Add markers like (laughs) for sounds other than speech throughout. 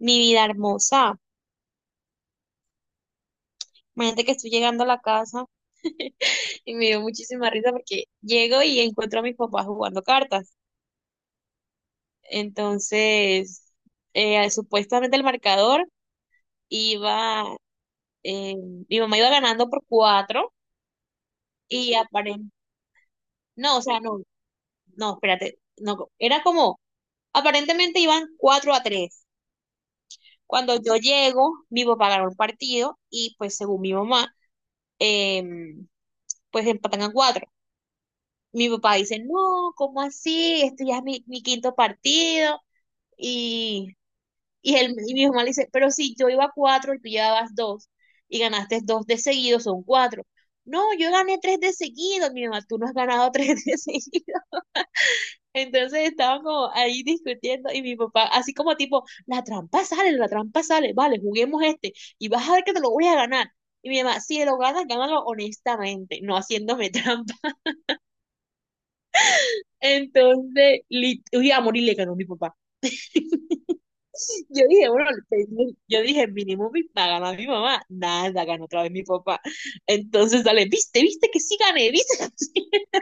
Mi vida hermosa. Imagínate que estoy llegando a la casa (laughs) y me dio muchísima risa porque llego y encuentro a mis papás jugando cartas. Entonces, supuestamente el marcador iba, eh, mi mamá iba ganando por cuatro y aparentemente, no, o sea, no, no, espérate, no, era como, aparentemente iban 4-3. Cuando yo llego, mi papá ganó el partido y pues según mi mamá, em, pues empatan a cuatro. Mi papá dice, no, ¿cómo así? Esto ya es mi quinto partido. Y, y mi mamá le dice, pero si yo iba a cuatro y tú llevabas dos y ganaste dos de seguido, son cuatro. No, yo gané tres de seguido, mi mamá, tú no has ganado (laughs) tres de seguido. Entonces estaban como ahí discutiendo y mi papá, así como tipo, la trampa sale, vale, juguemos este y vas a ver que te lo voy a ganar. Y mi mamá, si lo ganas, gánalo honestamente, no haciéndome (laughs) trampa. Entonces, uy, a morir le ganó mi papá. Yo dije, bueno, yo dije, mínimo va a ganar mi mamá. Nada, ganó otra vez mi papá. Entonces, dale, viste, viste que sí gané, viste. (laughs)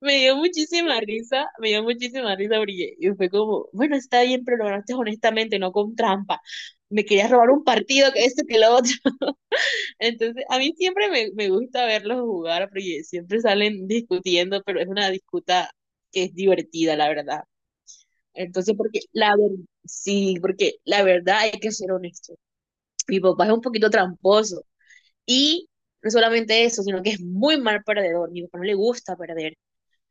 Me dio muchísima risa, me dio muchísima risa porque y fue como, bueno, está bien, pero lo ganaste honestamente, no con trampa. Me querías robar un partido, que esto, que lo otro. (laughs) Entonces, a mí siempre me gusta verlos jugar porque siempre salen discutiendo, pero es una disputa que es divertida, la verdad. Entonces, porque la verdad, sí, porque la verdad hay que ser honesto. Mi papá es un poquito tramposo y no solamente eso, sino que es muy mal perdedor. Mi papá no le gusta perder.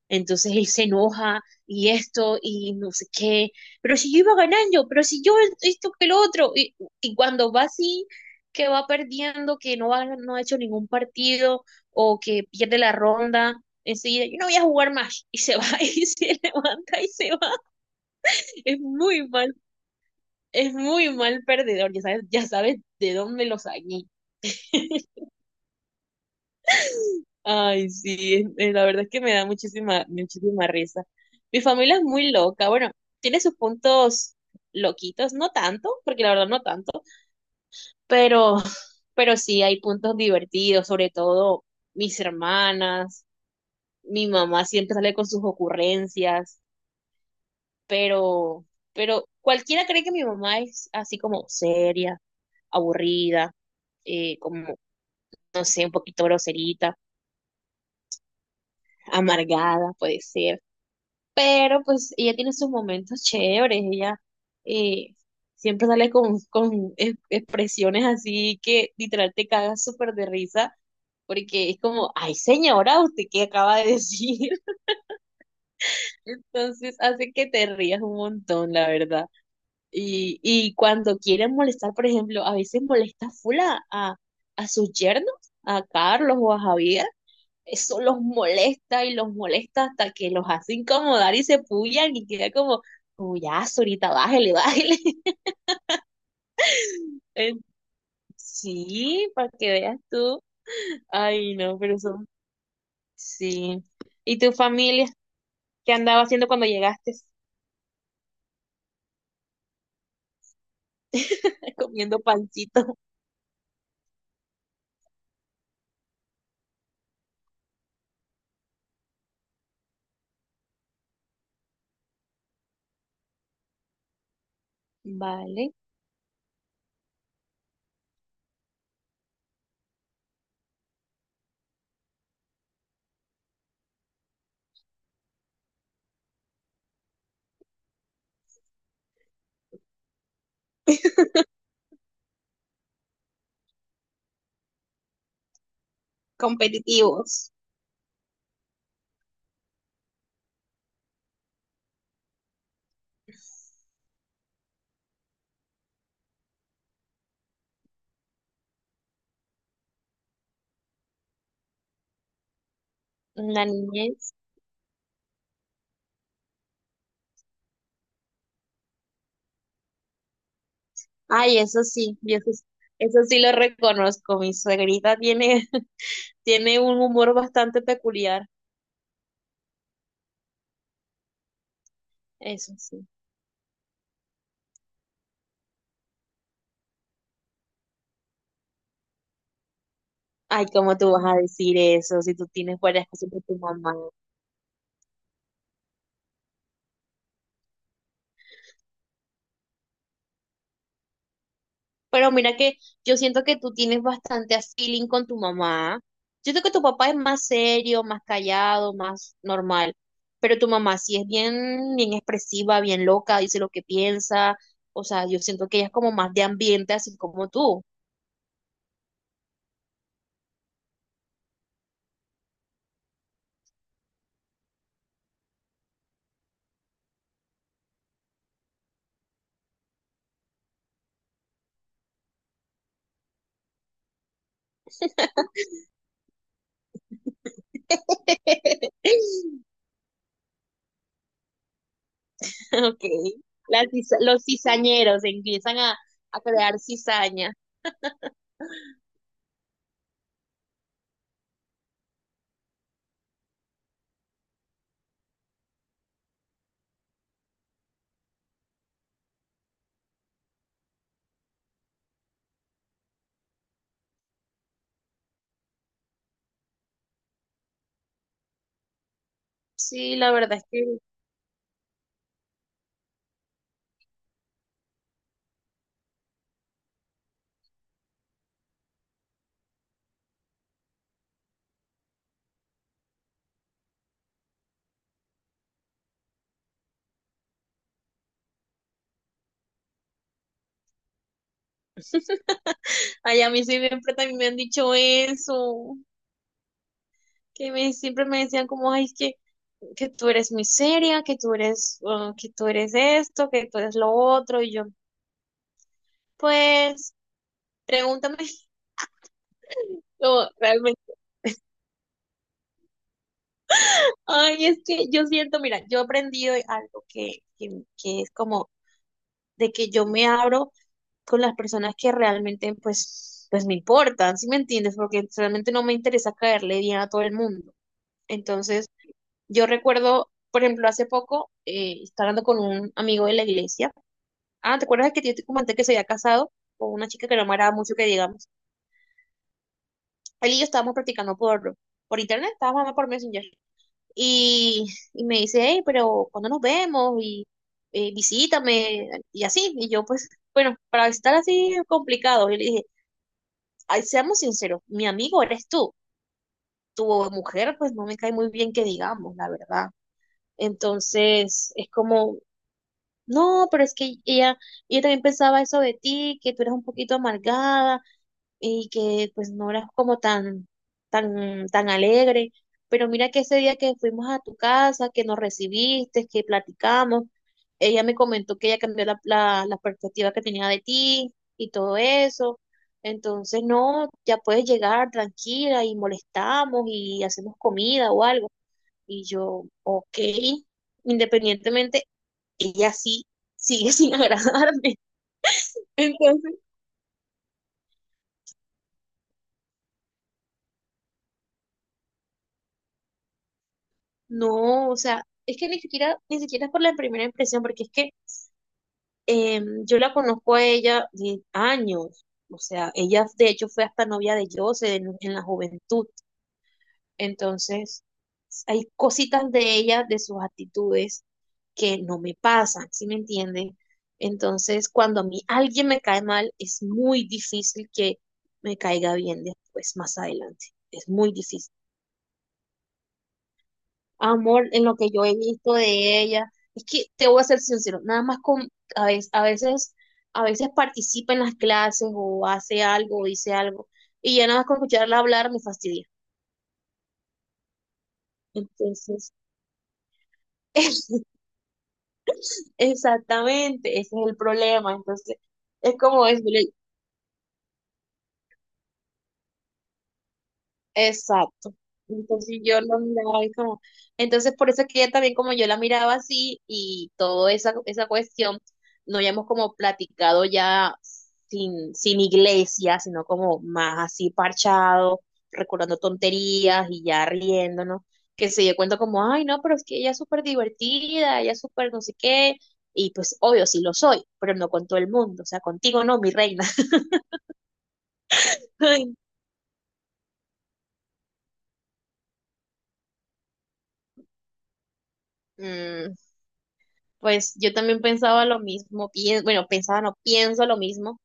Entonces él se enoja y esto y no sé qué. Pero si yo iba ganando, pero si yo esto que lo otro. Y cuando va así, que va perdiendo, que no, va, no ha hecho ningún partido o que pierde la ronda, enseguida yo no voy a jugar más. Y se va (laughs) y se levanta y se va. Es muy mal es muy mal perdedor, ya sabes de dónde lo saqué. (laughs) Ay, sí, la verdad es que me da muchísima, muchísima risa. Mi familia es muy loca, bueno, tiene sus puntos loquitos, no tanto, porque la verdad no tanto, pero, (laughs) pero sí hay puntos divertidos, sobre todo mis hermanas, mi mamá siempre sale con sus ocurrencias, pero, cualquiera cree que mi mamá es así como seria, aburrida, como no sé, un poquito groserita, amargada, puede ser. Pero pues ella tiene sus momentos chéveres, ella, eh, siempre sale con, expresiones así que literal te cagas súper de risa, porque es como, ay señora, ¿usted qué acaba de decir? (laughs) Entonces hace que te rías un montón, la verdad. Y cuando quieren molestar, por ejemplo, a veces molesta full a sus yernos, a Carlos o a Javier. Eso los molesta y los molesta hasta que los hace incomodar y se pullan y queda como, ya, ahorita bájele, bájele. (laughs) Eh, Sí, para que veas tú. Ay, no, pero son, sí. ¿Y tu familia? ¿Qué andaba haciendo cuando llegaste? (laughs) Comiendo pancito. Vale. Competitivos. La niñez. Ay, eso sí, eso sí lo reconozco. Mi suegrita tiene, (laughs) tiene un humor bastante peculiar. Eso sí. Ay, ¿cómo tú vas a decir eso si tú tienes varias cosas con tu mamá? Pero mira que yo siento que tú tienes bastante feeling con tu mamá. Yo siento que tu papá es más serio, más callado, más normal, pero tu mamá sí es bien, bien expresiva, bien loca, dice lo que piensa. O sea, yo siento que ella es como más de ambiente, así como tú. (laughs) Ok. Las los cizañeros empiezan a, crear cizaña. Sí, la verdad es que... Ay, a mí siempre también me han dicho eso, que siempre me decían como, ay, es que tú eres muy seria, que tú eres esto, que tú eres lo otro, y yo, pues, pregúntame. (laughs) No, realmente, ay, es que yo siento, mira, yo he aprendido algo, que es como de que yo me abro con las personas que realmente, pues me importan, ¿si me entiendes? Porque realmente no me interesa caerle bien a todo el mundo. Entonces, yo recuerdo, por ejemplo, hace poco, estaba hablando con un amigo de la iglesia. Ah, ¿te acuerdas que yo te comenté que se había casado con una chica que no me agrada mucho que digamos? Él y yo estábamos practicando por internet, estábamos hablando por Messenger. Y, y me dice, hey, pero ¿cuándo nos vemos? Y, visítame, y así. Y yo, pues, bueno, para estar así es complicado. Yo le dije, "Ay, seamos sinceros, mi amigo eres tú. Tu mujer, pues no me cae muy bien que digamos, la verdad". Entonces, es como, no, pero es que ella también pensaba eso de ti, que tú eras un poquito amargada y que pues no eras como tan, tan, tan alegre. Pero mira que ese día que fuimos a tu casa, que nos recibiste, que platicamos, ella me comentó que ella cambió la perspectiva que tenía de ti y todo eso. Entonces, no, ya puedes llegar tranquila y molestamos y hacemos comida o algo. Y yo, ok, independientemente ella sí sigue (laughs) sin agradarme. Entonces, no, o sea, es que ni siquiera, ni siquiera es por la primera impresión, porque es que, yo la conozco a ella de años. O sea, ella de hecho fue hasta novia de Jose en la juventud. Entonces, hay cositas de ella, de sus actitudes, que no me pasan, ¿sí me entienden? Entonces, cuando a mí alguien me cae mal, es muy difícil que me caiga bien después, más adelante. Es muy difícil. Amor, en lo que yo he visto de ella. Es que te voy a ser sincero, nada más con, a veces, a veces, a veces participa en las clases o hace algo o dice algo y ya nada más con escucharla hablar me fastidia. Entonces, (laughs) exactamente, ese es el problema. Entonces, es como es. Exacto. Entonces yo lo miraba y como, entonces por eso es que ella también como yo la miraba así y toda esa cuestión, no habíamos como platicado ya sin iglesia, sino como más así parchado, recordando tonterías y ya riéndonos, que se dio cuenta como, ay no, pero es que ella es súper divertida, ella es súper no sé qué, y pues obvio sí lo soy, pero no con todo el mundo, o sea, contigo no, mi reina. (laughs) Mm, pues yo también pensaba lo mismo, bueno, pensaba, no pienso lo mismo,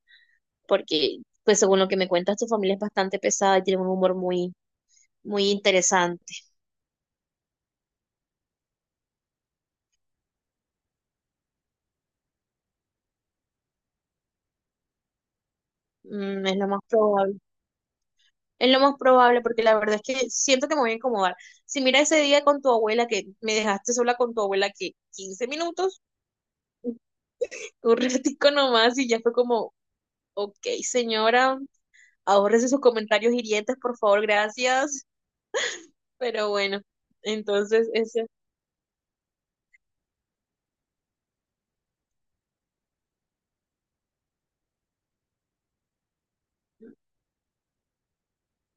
porque pues según lo que me cuentas, tu familia es bastante pesada y tiene un humor muy, muy interesante. Mm, es lo más probable. Es lo más probable, porque la verdad es que siento que me voy a incomodar. Si mira ese día con tu abuela, que me dejaste sola con tu abuela, que 15 minutos, (laughs) un ratico nomás, y ya fue como, ok, señora, ahórrese sus comentarios hirientes, por favor, gracias. Pero bueno, entonces ese...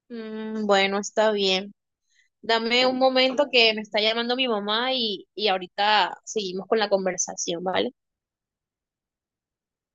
Mm, bueno, está bien. Dame un momento que me está llamando mi mamá y ahorita seguimos con la conversación, ¿vale?